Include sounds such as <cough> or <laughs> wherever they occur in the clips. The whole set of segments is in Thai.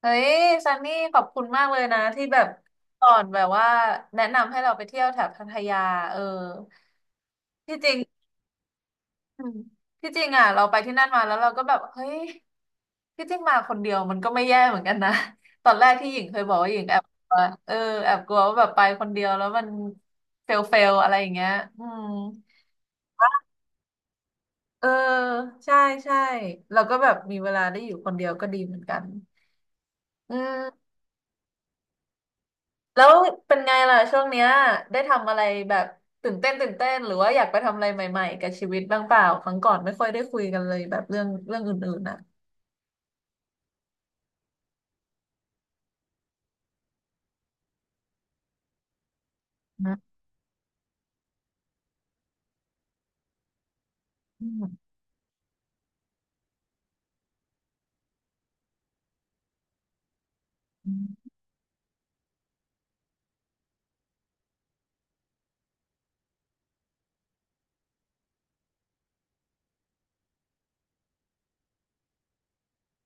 เฮ้ยซันนี่ขอบคุณมากเลยนะที่แบบสอนแบบว่าแนะนำให้เราไปเที่ยวแถบพัทยาเออที่จริงอืมที่จริงอ่ะเราไปที่นั่นมาแล้วเราก็แบบเฮ้ยที่จริงมาคนเดียวมันก็ไม่แย่เหมือนกันนะ <laughs> ตอนแรกที่หญิงเคยบอกว่าหญิงแอบกลัวเออแอบกลัวว่าแบบไปคนเดียวแล้วมันเฟลเฟลอะไรอย่างเงี้ยอืมเออใช่ใช่เราก็แบบมีเวลาได้อยู่คนเดียวก็ดีเหมือนกันอืม แล้วเป็นไงล่ะช่วงเนี้ยได้ทำอะไรแบบตื่นเต้นตื่นเต้นหรือว่าอยากไปทำอะไรใหม่ๆกับชีวิตบ้างเปล่าครั้งก่อนไม่ค่อยได้คุยกันเลยแบบเรื่องอื่นๆนะอืมอืมอ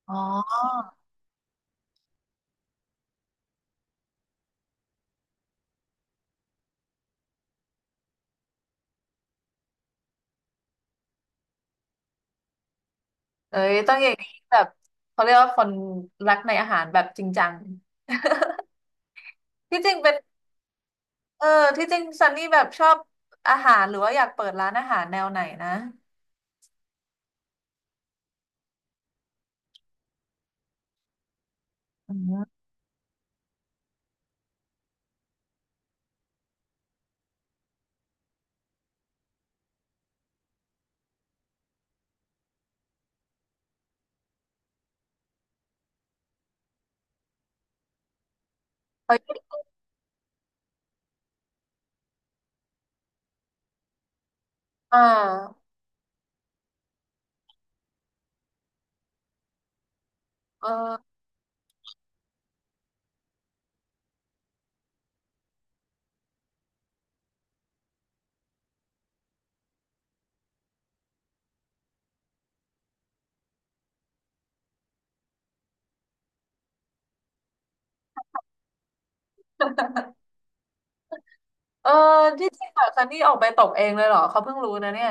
๋อเอ้ยต้องอย่างนี้แบบเขาเรียกว่าคนรักในอาหารแบบจริงจังที่จริงเป็นเออที่จริงซันนี่แบบชอบอาหารหรือว่าอยากเปิดร้านอาหารแนวไหนนะอืมเฮ้ยอ่าเออเออที่จริงแบบซันนี่ออกไปตกเองเลยเหรอเขาเพิ่งรู้นะเนี่ย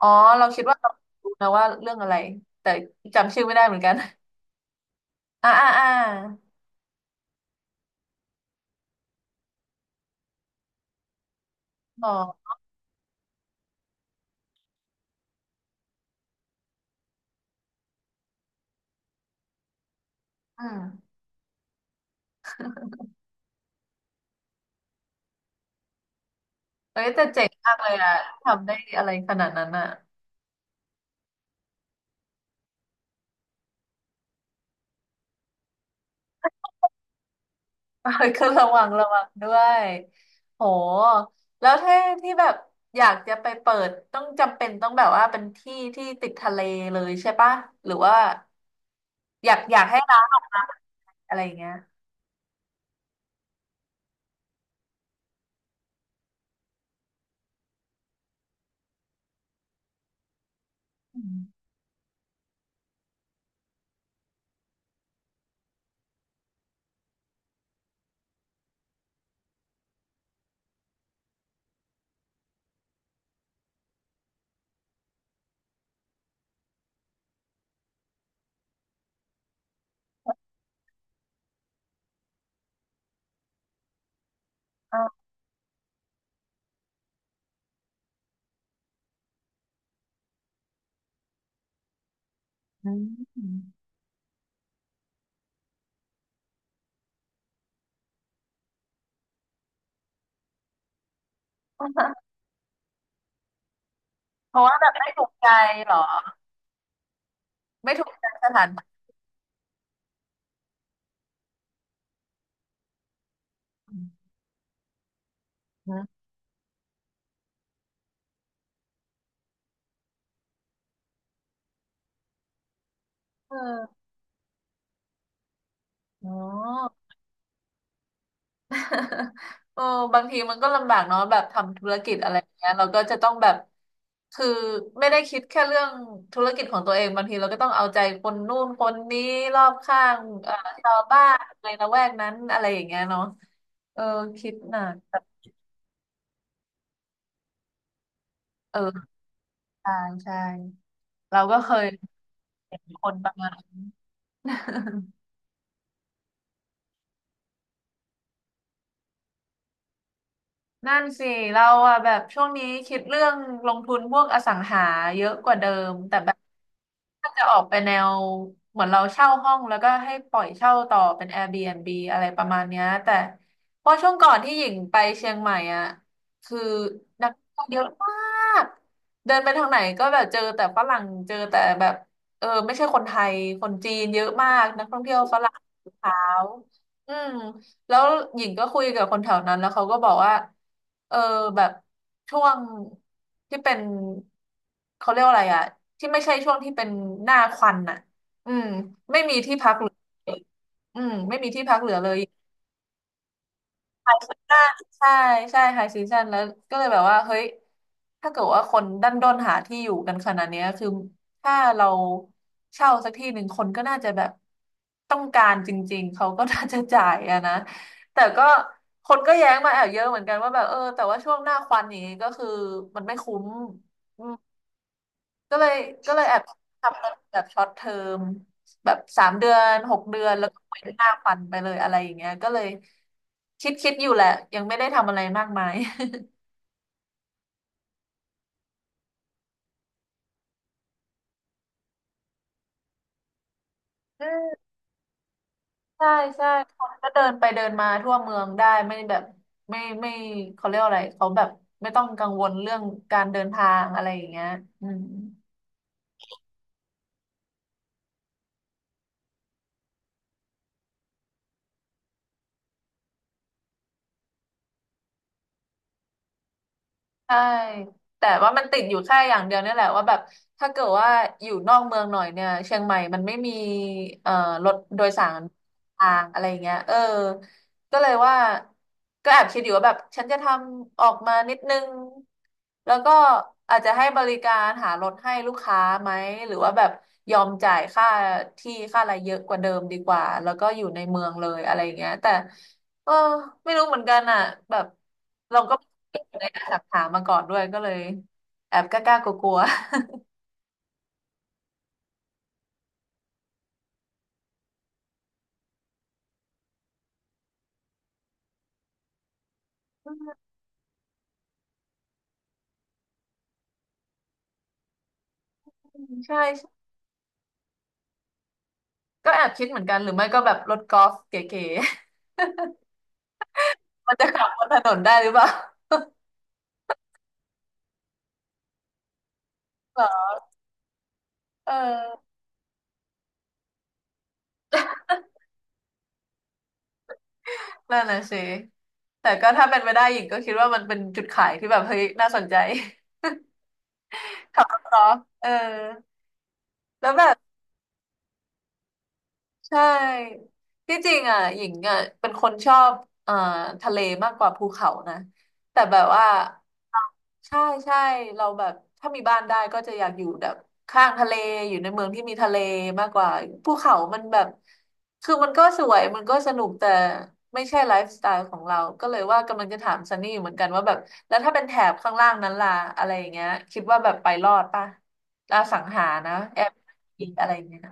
อ๋อเราคิดว่าเรารู้นะว่าเรื่องอะไรแต่จำชื่อไม่ได้เหมือนกัน <laughs> อ่าอ่าอ่าหรออืมเอ้ยแต่เจ๋งมากเลยอ่ะทำได้อะไรขนาดนั้นอ่ะ <laughs> เอ้ยก็ระวังระวังด้วยโหแล้วถ้าที่แบบอยากจะไปเปิดต้องจำเป็นต้องแบบว่าเป็นที่ที่ติดทะเลเลยใช่ปะหรือว่าอยากอยากให้ร้านออกมาอะไรอย่างเงี้ยอืมอ่าอืม <laughs> เพราะว่าแบบไม่ถูกใจเหรอไม่ถูกใจสถานที่ นะเอออ๋อ <laughs> เออบางทีมันก็ลำบากเนาะแบบทำธุรกิจอะไรอย่างเงี้ยเราก็จะต้องแบบ คือไม่ได้คิดแค่เรื่องธุรกิจของตัวเองบางทีเราก็ต้องเอาใจคนนู่นคนนี้รอบข้างชาวบ้านในละแวกนั้นอะไรอย่างเงี้ยเนาะเออคิดหนักแต่เออใช่ใช่เราก็เคยเห็นคนประมาณนั้น นั่นสิเราอะแบบช่วงนี้คิดเรื่องลงทุนพวกอสังหาเยอะกว่าเดิมแต่แบบถ้าจะออกไปแนวเหมือนเราเช่าห้องแล้วก็ให้ปล่อยเช่าต่อเป็น Airbnb อะไรประมาณเนี้ยแต่เพราะช่วงก่อนที่หญิงไปเชียงใหม่อะคือนักท่องเที่ยวเยอะมากเดินไปทางไหนก็แบบเจอแต่ฝรั่งเจอแต่แบบเออไม่ใช่คนไทยคนจีนเยอะมากนักท่องเที่ยวฝรั่งขาวอืม แล้วหญิงก็คุยกับคนแถวนั้นแล้วเขาก็บอกว่าเออแบบช่วงที่เป็นเขาเรียกว่าอะไรอะที่ไม่ใช่ช่วงที่เป็นหน้าควันน่ะอืมไม่มีที่พักเหลือเลยอืมไม่มีที่พักเหลือเลย อ่าใช่ใช่ไฮซีซันแล้วก็เลยแบบว่าเฮ้ยถ้าเกิดว่าคนดันด้นหาที่อยู่กันขนาดเนี้ยคือถ้าเราเช่าสักที่หนึ่งคนก็น่าจะแบบต้องการจริงๆเขาก็น่าจะจ่ายอะนะแต่ก็คนก็แย้งมาแอบเยอะเหมือนกันว่าแบบเออแต่ว่าช่วงหน้าควันอย่างนี้ก็คือมันไม่คุ้ม ก็เลยก็เลยแอบทำเป็นแบบช็อตเทอมแบบ3 เดือน6 เดือนแล้วก็เว้น5 วันไปเลยอะไรอย่างเงี้ยก็เลยคิดอยู่แหละยังไม่ได้ทำอะไรมากมายอืมใช่ใช่คนก็เดินไปเดินมาทั่วเมืองได้ไม่แบบไม่ไม่เขาเรียกว่าอะไรเขาแบบไม่ต้องกังวลเรื่องการเดินทางอะไรอย่างเงี้ยอืม ใช่แต่ว่ามันติดอยู่แค่อย่างเดียวเนี่ยแหละว่าแบบถ้าเกิดว่าอยู่นอกเมืองหน่อยเนี่ยเชียงใหม่มันไม่มีเอ่อรถโดยสารทางอะไรเงี้ยเออก็เลยว่าก็แอบคิดอยู่ว่าแบบฉันจะทำออกมานิดนึงแล้วก็อาจจะให้บริการหารถให้ลูกค้าไหมหรือว่าแบบยอมจ่ายค่าที่ค่าอะไรเยอะกว่าเดิมดีกว่าแล้วก็อยู่ในเมืองเลยอะไรเงี้ยแต่เออไม่รู้เหมือนกันอ่ะแบบเราก็ เลยแอบถามมาก่อนด้วยก็เลยแอบกล้าๆกลัวๆอืมใช่ใช่ก็แอบคิดเหมือนกันหรือไม่ก็แบบรถกอล์ฟเก๋ๆ <laughs> มันจะขับบนถนนได้หรือเปล่า <laughs> เหรอเออนั่นน่ะสิแต่ก็ถ้าเป็นไปได้หญิงก็คิดว่ามันเป็นจุดขายที่แบบเฮ้ยน่าสนใจ <laughs> ขับรถกอล์ฟเออแล้วแบบ ใช่ที่จริงอ่ะหญิงอ่ะเป็นคนชอบเอ่อทะเลมากกว่าภูเขานะแต่แบบว่าใช่ใช่เราแบบถ้ามีบ้านได้ก็จะอยากอยู่แบบข้างทะเลอยู่ในเมืองที่มีทะเลมากกว่าภูเขามันแบบคือมันก็สวยมันก็สนุกแต่ไม่ใช่ไลฟ์สไตล์ของเราก็เลยว่ากำลังจะถามซันนี่อยู่เหมือนกันว่าแบบแล้วถ้าเป็นแถบข้างล่างนั้นล่ะอะไรอย่างเงี้ยคิดว่าแบบไปรอดป่ะอาสังหานะแอร์อะไรอย่างเงี้ย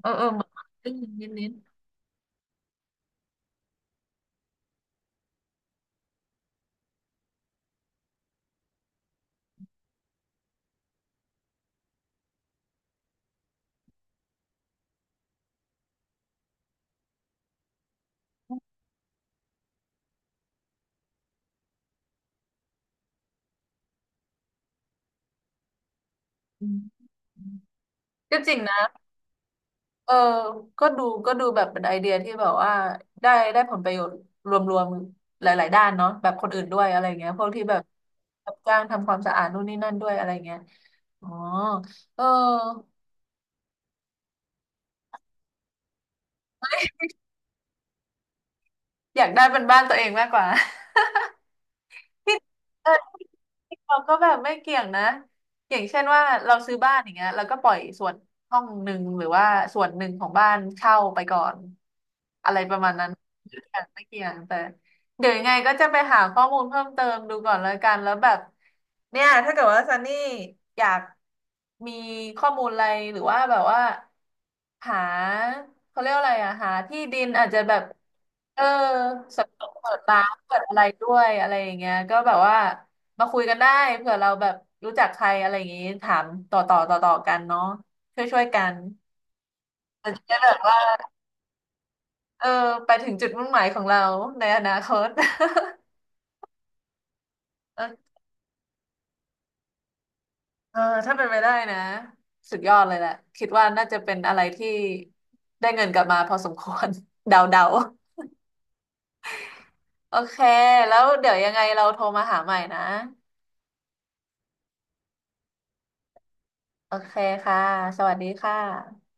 เออเออเหมือนได้ยินนิดนิดอืมก็จริงนะเออก็ดูก็ดูแบบเป็นไอเดียที่แบบว่าได้ได้ผลประโยชน์รวมๆหลายๆด้านเนาะแบบคนอื่นด้วยอะไรเงี้ยพวกที่แบบรับจ้างทำความสะอาดนู่นนี่นั่นด้วยอะไรเงี้ยอ๋อ เออ อยากได้เป็นบ้านตัวเองมากกว่า ที่เออที่เราก็แบบไม่เกี่ยงนะเกี่ยงเช่นว่าเราซื้อบ้านอย่างเงี้ยแล้วก็ปล่อยส่วนห้องหนึ่งหรือว่าส่วนหนึ่งของบ้านเช่าไปก่อนอะไรประมาณนั้นไม่เกี่ยงไม่เกี่ยงแต่เดี๋ยวยังไงก็จะไปหาข้อมูลเพิ่มเติมดูก่อนแล้วกันแล้วแบบเนี่ยถ้าเกิดว่าซันนี่อยากมีข้อมูลอะไรหรือว่าแบบว่า หาเขาเรียกว่าอะไรอะหาที่ดินอาจจะแบบเออสำรวจเปิดร้านเปิดอะไรด้วยอะไรอย่างเงี้ยก็แบบว่ามาคุยกันได้เผื่อเราแบบรู้จักใครอะไรอย่างงี้ถามต่อต่อต่อต่อกันเนาะช่วยช่วยกันเร่จะได้แบบว่าเออไปถึงจุดมุ่งหมายของเราในอนาคต <laughs> เออเออถ้าเป็นไปได้นะสุดยอดเลยแหละคิดว่าน่าจะเป็นอะไรที่ได้เงินกลับมาพอสมควร <laughs> เดาเดา โอเค แล้วเดี๋ยวยังไงเราโทรมาหาใหม่นะ โอเคค่ะ สวัสดีค่ะ